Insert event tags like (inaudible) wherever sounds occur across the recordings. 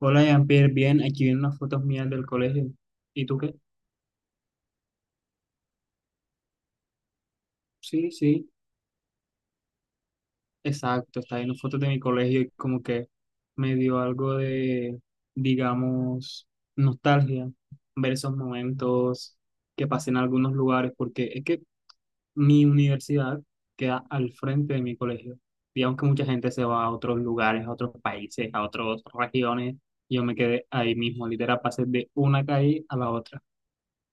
Hola, Jean-Pierre, bien, aquí vienen unas fotos mías del colegio. ¿Y tú qué? Sí, sí, exacto, está viendo fotos de mi colegio y como que me dio algo de, digamos, nostalgia ver esos momentos que pasé en algunos lugares, porque es que mi universidad queda al frente de mi colegio. Digamos que mucha gente se va a otros lugares, a otros países, a otras regiones, y yo me quedé ahí mismo, literal, pasé de una calle a la otra.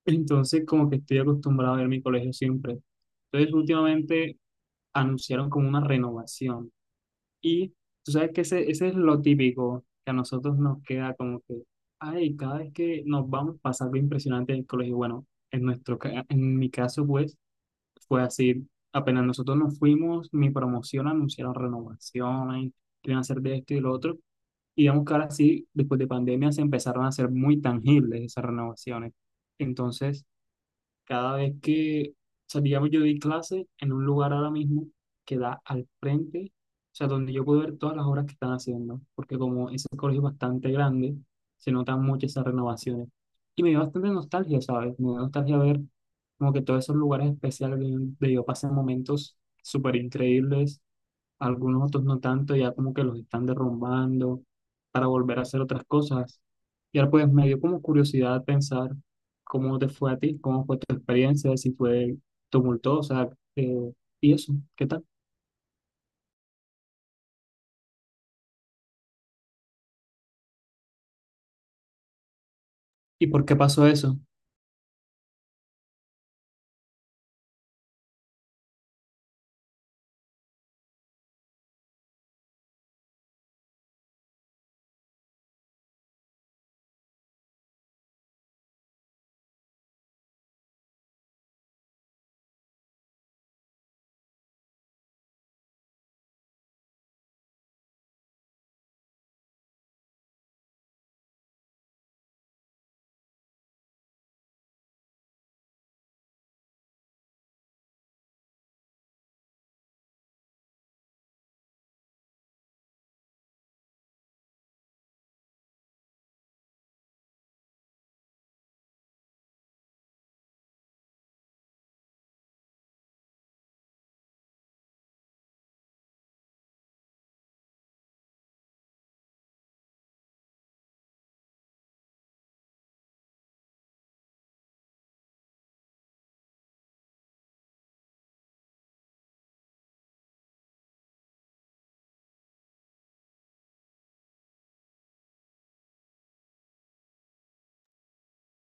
Entonces, como que estoy acostumbrado a ver mi colegio siempre. Entonces, últimamente anunciaron como una renovación. Y tú sabes que ese es lo típico que a nosotros nos queda como que, ay, cada vez que nos vamos pasa algo impresionante en el colegio. Bueno, en mi caso, pues, fue así. Apenas nosotros nos fuimos, mi promoción anunciaron renovaciones, que iban a hacer de esto y de lo otro. Y digamos que ahora sí, después de pandemia, se empezaron a hacer muy tangibles esas renovaciones. Entonces, cada vez que, o sea, digamos, yo doy clase en un lugar ahora mismo que da al frente, o sea, donde yo puedo ver todas las obras que están haciendo, porque como ese colegio es bastante grande, se notan mucho esas renovaciones. Y me dio bastante nostalgia, ¿sabes? Me dio nostalgia ver como que todos esos lugares especiales donde yo pasé momentos súper increíbles algunos otros no tanto, ya como que los están derrumbando para volver a hacer otras cosas. Y ahora pues me dio como curiosidad pensar cómo te fue a ti, cómo fue tu experiencia, si fue tumultuosa, eh, y eso, ¿qué tal? ¿Y por qué pasó eso?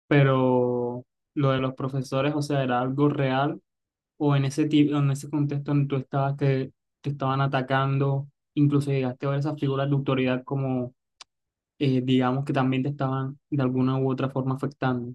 Pero lo de los profesores, o sea, ¿era algo real? ¿O en en ese contexto en que tú estabas que te estaban atacando, incluso llegaste a ver esas figuras de autoridad como, digamos, que también te estaban de alguna u otra forma afectando?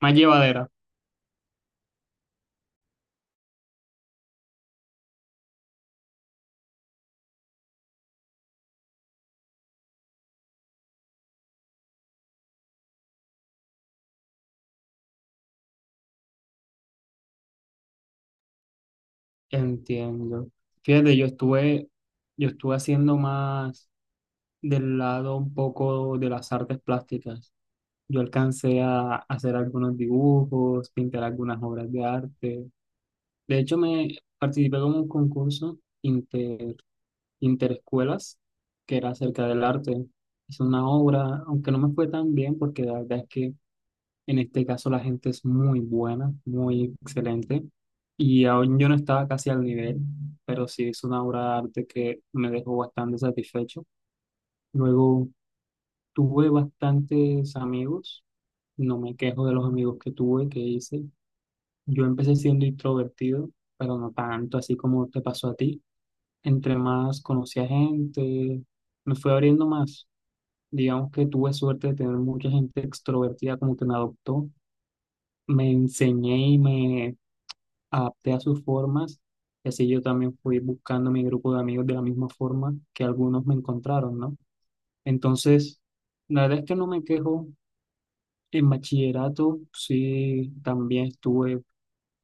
Más llevadera. Entiendo. Fíjate, yo estuve haciendo más del lado un poco de las artes plásticas. Yo alcancé a hacer algunos dibujos, pintar algunas obras de arte. De hecho, me participé en un concurso interescuelas que era acerca del arte. Hice una obra, aunque no me fue tan bien porque la verdad es que en este caso la gente es muy buena, muy excelente. Y aún yo no estaba casi al nivel, pero sí es una obra de arte que me dejó bastante satisfecho. Luego tuve bastantes amigos, no me quejo de los amigos que tuve, que hice. Yo empecé siendo introvertido, pero no tanto así como te pasó a ti. Entre más conocí a gente, me fui abriendo más. Digamos que tuve suerte de tener mucha gente extrovertida como que me adoptó. Me enseñé y me adapté a sus formas y así yo también fui buscando mi grupo de amigos de la misma forma que algunos me encontraron, ¿no? Entonces, la verdad es que no me quejo. En bachillerato sí también estuve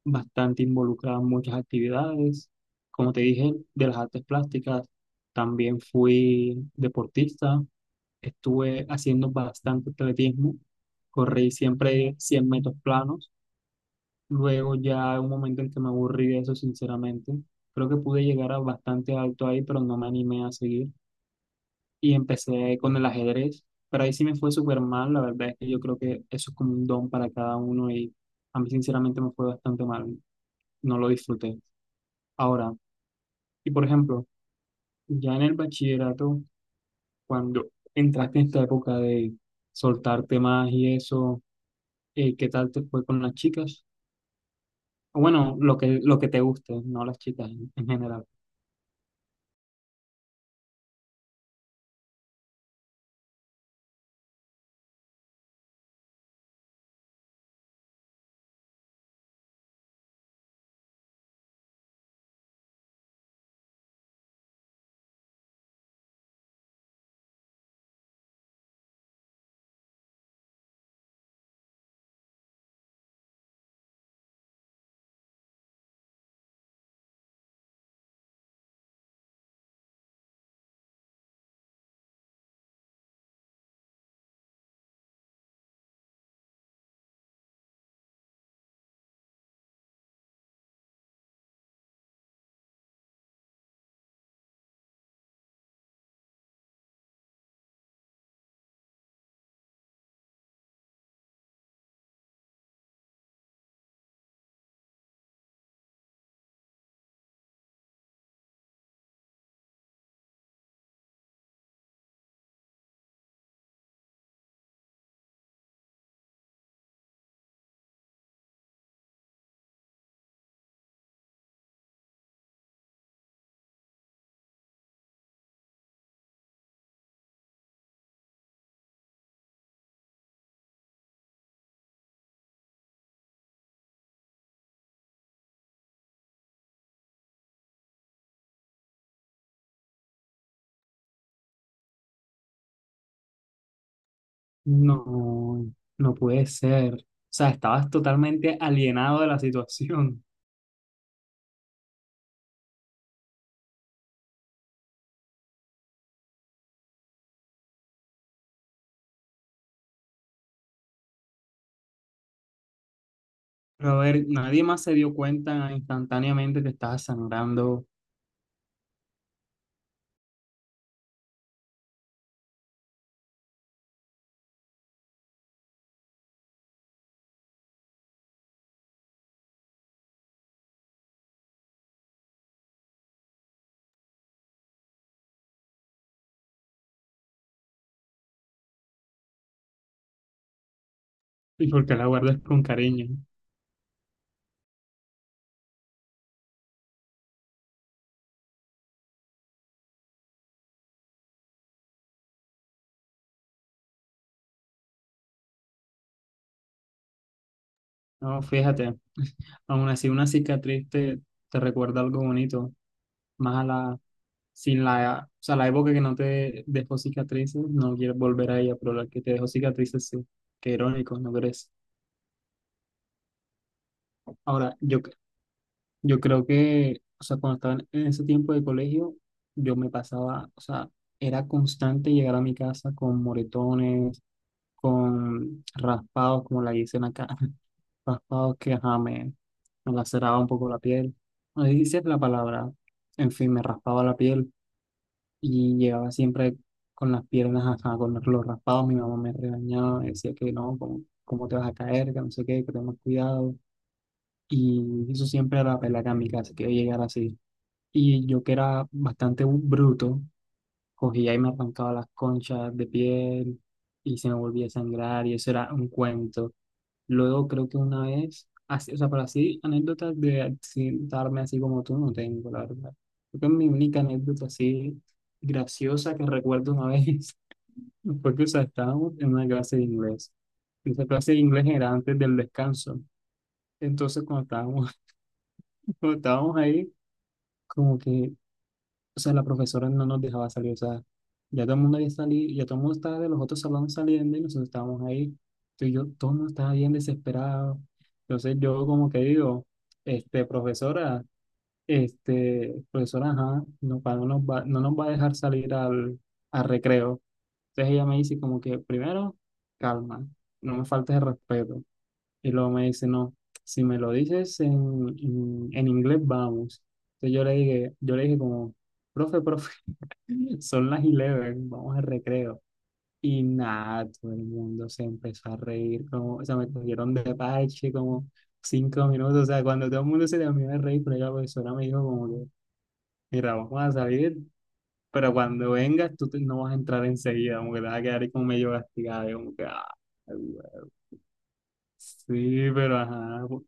bastante involucrado en muchas actividades. Como te dije, de las artes plásticas también fui deportista. Estuve haciendo bastante atletismo. Corrí siempre 100 metros planos. Luego ya un momento en que me aburrí de eso, sinceramente. Creo que pude llegar a bastante alto ahí, pero no me animé a seguir. Y empecé con el ajedrez, pero ahí sí me fue súper mal. La verdad es que yo creo que eso es como un don para cada uno y a mí sinceramente me fue bastante mal. No lo disfruté. Ahora, y por ejemplo, ya en el bachillerato, cuando entraste en esta época de soltarte más y eso, ¿qué tal te fue con las chicas? O bueno, lo que te guste, no las chicas en general. No, no puede ser. O sea, estabas totalmente alienado de la situación. (laughs) Pero a ver, nadie más se dio cuenta instantáneamente que estabas sangrando y porque la guardas con cariño. No, fíjate, aún así una cicatriz te recuerda algo bonito. Más a la, sin la, O sea, la época que no te dejó cicatrices, no quieres volver a ella, pero la que te dejó cicatrices sí. Qué irónico, ¿no crees? Ahora, yo creo que, o sea, cuando estaba en ese tiempo de colegio, yo me pasaba, o sea, era constante llegar a mi casa con moretones, con raspados, como la dicen acá, (laughs) raspados que, ajá, me laceraba un poco la piel. No dice la palabra, en fin, me raspaba la piel y llegaba siempre con las piernas, ajá, con los raspados. Mi mamá me regañaba, me decía que no, cómo te vas a caer, que no sé qué, que tengas cuidado. Y eso siempre era la pelea acá en mi casa, que yo llegara así. Y yo que era bastante bruto, cogía y me arrancaba las conchas de piel y se me volvía a sangrar y eso era un cuento. Luego creo que una vez, así, o sea, pero así anécdotas de accidentarme así como tú no tengo, la verdad. Creo que mi única anécdota así graciosa que recuerdo una vez (laughs) fue que, o sea, estábamos en una clase de inglés. Esa clase de inglés era antes del descanso. Entonces cuando estábamos, (laughs) cuando estábamos ahí, como que o sea, la profesora no nos dejaba salir, o sea, ya todo el mundo había salido, ya todo el mundo estaba de los otros salones saliendo y nosotros estábamos ahí, entonces yo, todo el mundo estaba bien desesperado, entonces yo como que digo, este, profesora, este, profesora, ajá, no, no nos va a dejar salir al, al recreo, entonces ella me dice como que, primero, calma, no me faltes el respeto, y luego me dice, no, si me lo dices en, en inglés, vamos, entonces yo le dije como, profe, profe, (laughs) son las 11, vamos al recreo. Y nada, todo el mundo se empezó a reír, como, o sea, me cogieron de parche como 5 minutos, o sea, cuando todo el mundo se terminó de reír, pero la profesora me dijo como que, mira, vamos a salir, pero cuando vengas tú no vas a entrar enseguida, como que te vas a quedar ahí como medio castigado, y como que, ah, güey. Sí, pero ajá, pues,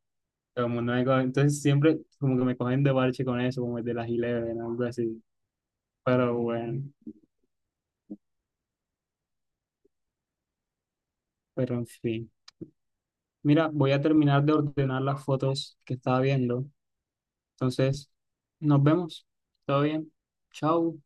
todo el mundo me coge, entonces siempre como que me cogen de parche con eso, como el de las 11, algo así, pero bueno, pero en fin. Mira, voy a terminar de ordenar las fotos que estaba viendo. Entonces, nos vemos. Todo bien. Chao.